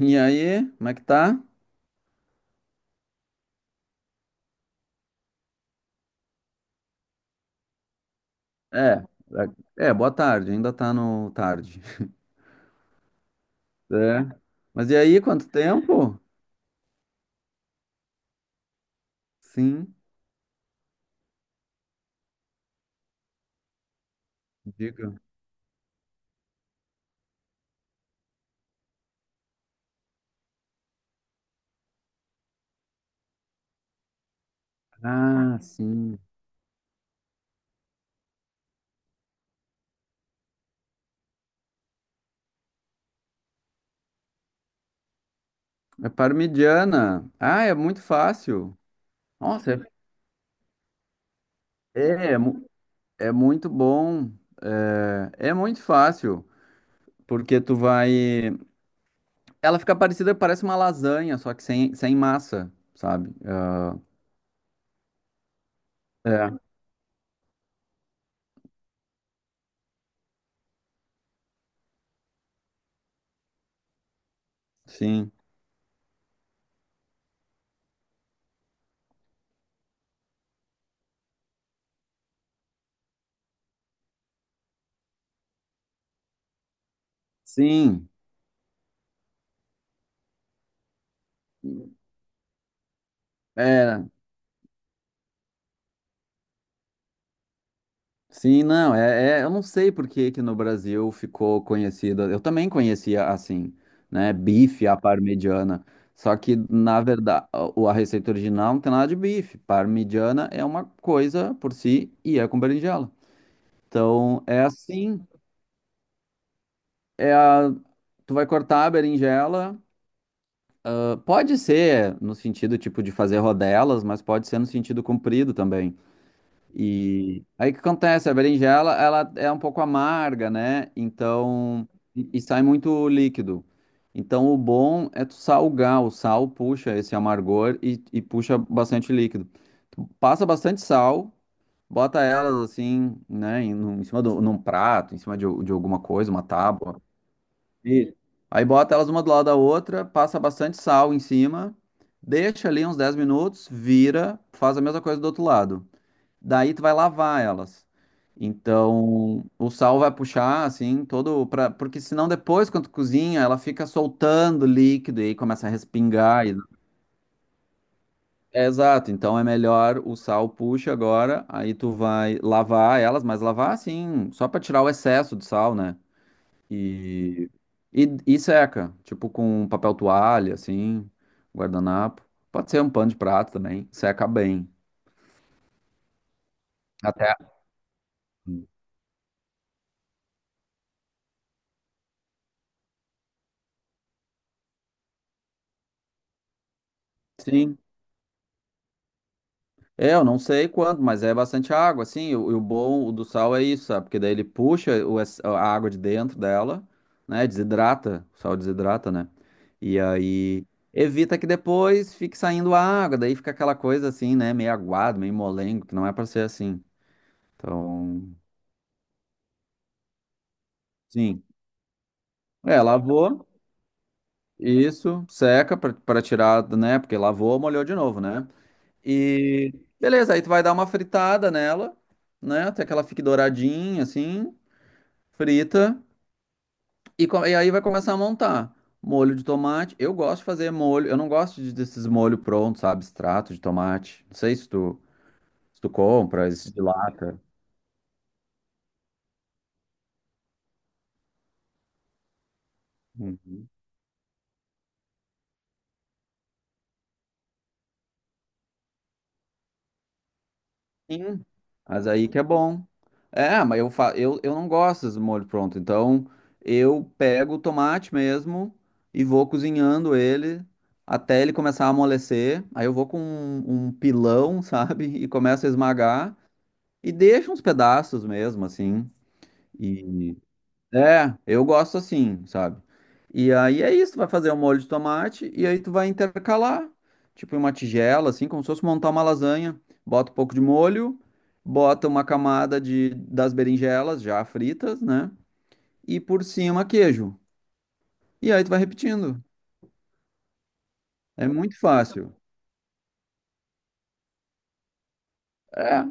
E aí, como é que tá? É, boa tarde, ainda tá no tarde. É. Mas e aí, quanto tempo? Sim, diga. Ah, sim. É parmigiana. Ah, é muito fácil. Nossa, é, é mu- é muito bom. É muito fácil, porque tu vai. Ela fica parecida, parece uma lasanha, só que sem massa, sabe? É, sim. Sim. É, sim, eu não sei por que que no Brasil ficou conhecida. Eu também conhecia assim, né? Bife à parmegiana. Só que, na verdade, a receita original não tem nada de bife. Parmegiana é uma coisa por si e é com berinjela. Então, é assim, é a, tu vai cortar a berinjela. Pode ser no sentido tipo de fazer rodelas, mas pode ser no sentido comprido também. E aí o que acontece? A berinjela, ela é um pouco amarga, né? Então, e sai muito líquido. Então, o bom é tu salgar. O sal puxa esse amargor e puxa bastante líquido. Tu passa bastante sal, bota elas assim, né? Em cima de um num prato, em cima de alguma coisa, uma tábua. Isso. Aí bota elas uma do lado da outra, passa bastante sal em cima, deixa ali uns 10 minutos, vira, faz a mesma coisa do outro lado. Daí tu vai lavar elas. Então, o sal vai puxar assim todo para porque senão depois quando tu cozinha, ela fica soltando líquido e aí começa a respingar e-. É, exato, então é melhor o sal puxa agora, aí tu vai lavar elas, mas lavar assim, só para tirar o excesso de sal, né? E, e seca, tipo com papel toalha assim, guardanapo. Pode ser um pano de prato também, seca bem. Até sim. É, eu não sei quanto, mas é bastante água, assim. E o bom do sal é isso, sabe? Porque daí ele puxa a água de dentro dela, né? Desidrata, o sal desidrata, né? E aí evita que depois fique saindo a água, daí fica aquela coisa assim, né? Meio aguado, meio molengo, que não é pra ser assim. Então, sim. É, lavou, isso, seca pra tirar, né? Porque lavou, molhou de novo, né? E beleza, aí tu vai dar uma fritada nela, né? Até que ela fique douradinha, assim. Frita e aí vai começar a montar. Molho de tomate, eu gosto de fazer molho, eu não gosto desses molhos prontos, sabe, extrato de tomate. Não sei se tu compra, esse de lata. Uhum. Sim, mas aí que é bom. É, mas eu não gosto desse molho pronto, então eu pego o tomate mesmo e vou cozinhando ele até ele começar a amolecer. Aí eu vou com um pilão, sabe, e começo a esmagar e deixo uns pedaços mesmo, assim. E é, eu gosto assim, sabe? E aí é isso, tu vai fazer um molho de tomate e aí tu vai intercalar, tipo em uma tigela, assim, como se fosse montar uma lasanha. Bota um pouco de molho, bota uma camada de, das berinjelas já fritas, né? E por cima queijo. E aí tu vai repetindo. É muito fácil. É,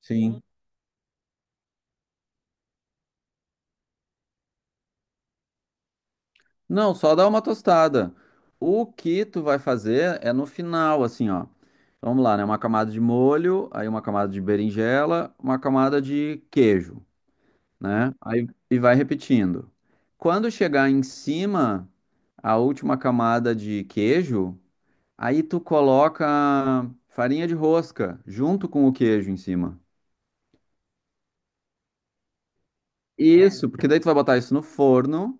sim. Não, só dá uma tostada. O que tu vai fazer é no final, assim, ó. Vamos lá, né? Uma camada de molho, aí uma camada de berinjela, uma camada de queijo, né? Aí e vai repetindo. Quando chegar em cima, a última camada de queijo, aí tu coloca farinha de rosca junto com o queijo em cima. Isso, porque daí tu vai botar isso no forno.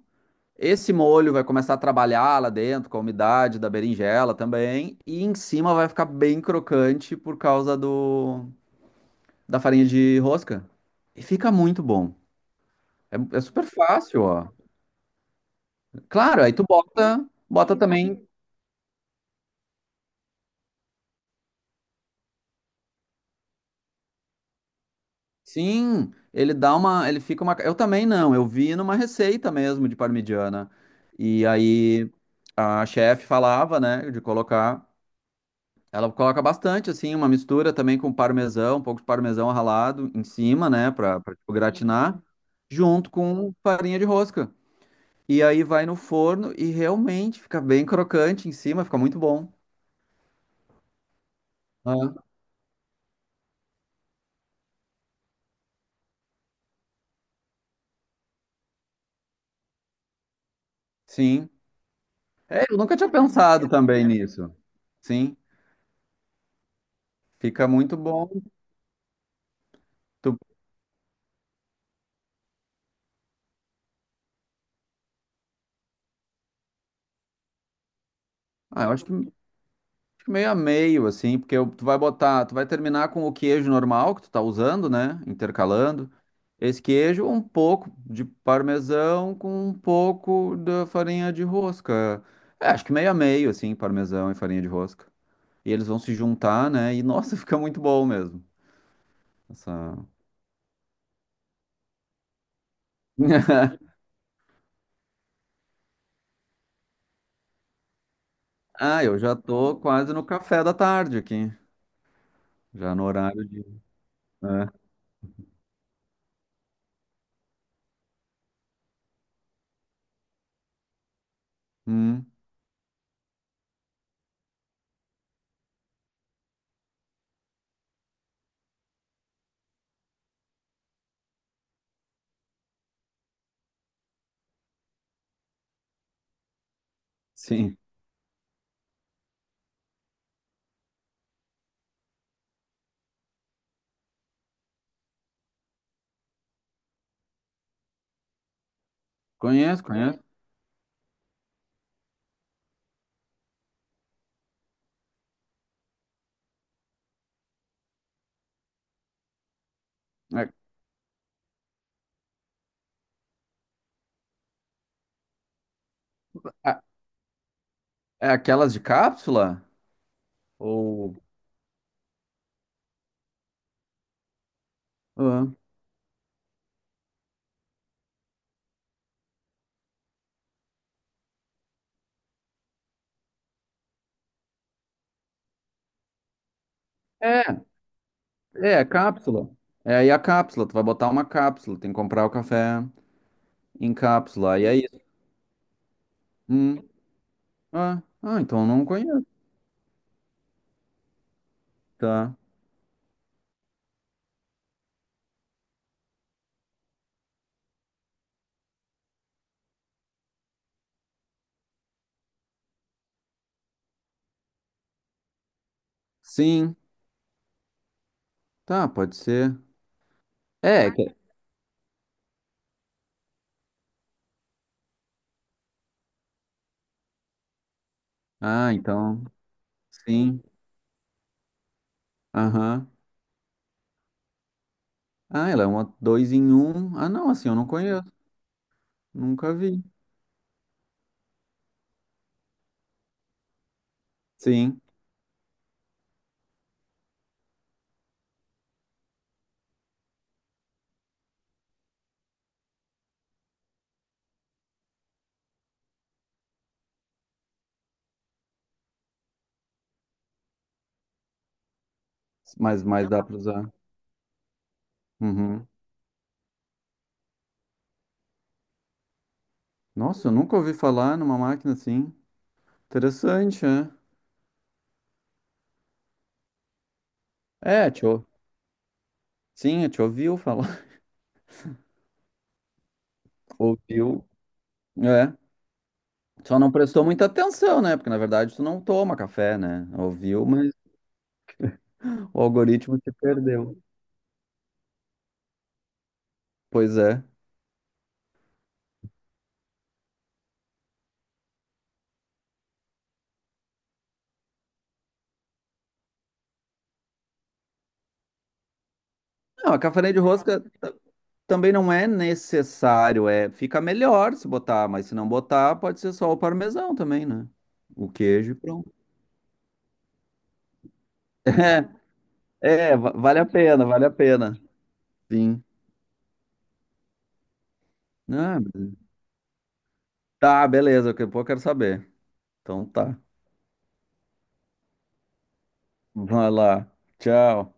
Esse molho vai começar a trabalhar lá dentro com a umidade da berinjela também, e em cima vai ficar bem crocante por causa do da farinha de rosca. E fica muito bom. É, é super fácil, ó. Claro, aí tu bota também. Sim, ele dá uma, ele fica uma. Eu também não, eu vi numa receita mesmo de parmegiana. E aí a chefe falava, né, de colocar. Ela coloca bastante, assim, uma mistura também com parmesão, um pouco de parmesão ralado em cima, né, para tipo, gratinar, junto com farinha de rosca. E aí vai no forno e realmente fica bem crocante em cima, fica muito bom. Ah, sim. É, eu nunca tinha pensado também nisso. Sim, fica muito bom. Tu- Ah, eu acho que meio a meio, assim, porque tu vai botar, tu vai terminar com o queijo normal que tu tá usando, né? Intercalando. Esse queijo, um pouco de parmesão com um pouco da farinha de rosca. É, acho que meio a meio, assim, parmesão e farinha de rosca. E eles vão se juntar, né? E nossa, fica muito bom mesmo. Essa... Ah, eu já tô quase no café da tarde aqui. Já no horário de. É. Hum, sim. Conheço, conheço. É, a- é aquelas de cápsula? Ou. Ah, É, cápsula. É aí a cápsula. Tu vai botar uma cápsula. Tem que comprar o café em cápsula. Aí é isso. Hum. Ah, então eu não conheço. Tá. Sim. Tá, pode ser. É. Ah, então. Sim. Aham. Ah, ela é uma dois em um. Ah, não, assim, eu não conheço. Nunca vi. Sim. Mas dá pra usar. Uhum. Nossa, eu nunca ouvi falar numa máquina assim. Interessante, né? É, tio. Sim, eu te ouviu falar. Ouviu. É. Só não prestou muita atenção, né? Porque na verdade tu não toma café, né? Ouviu, mas o algoritmo se perdeu. Pois é. Não, a café de rosca também não é necessário, é, fica melhor se botar, mas se não botar, pode ser só o parmesão também, né? O queijo e pronto. É, é, vale a pena, vale a pena. Sim. Ah, tá, beleza, daqui a pouco eu quero saber. Então tá. Vai lá. Tchau.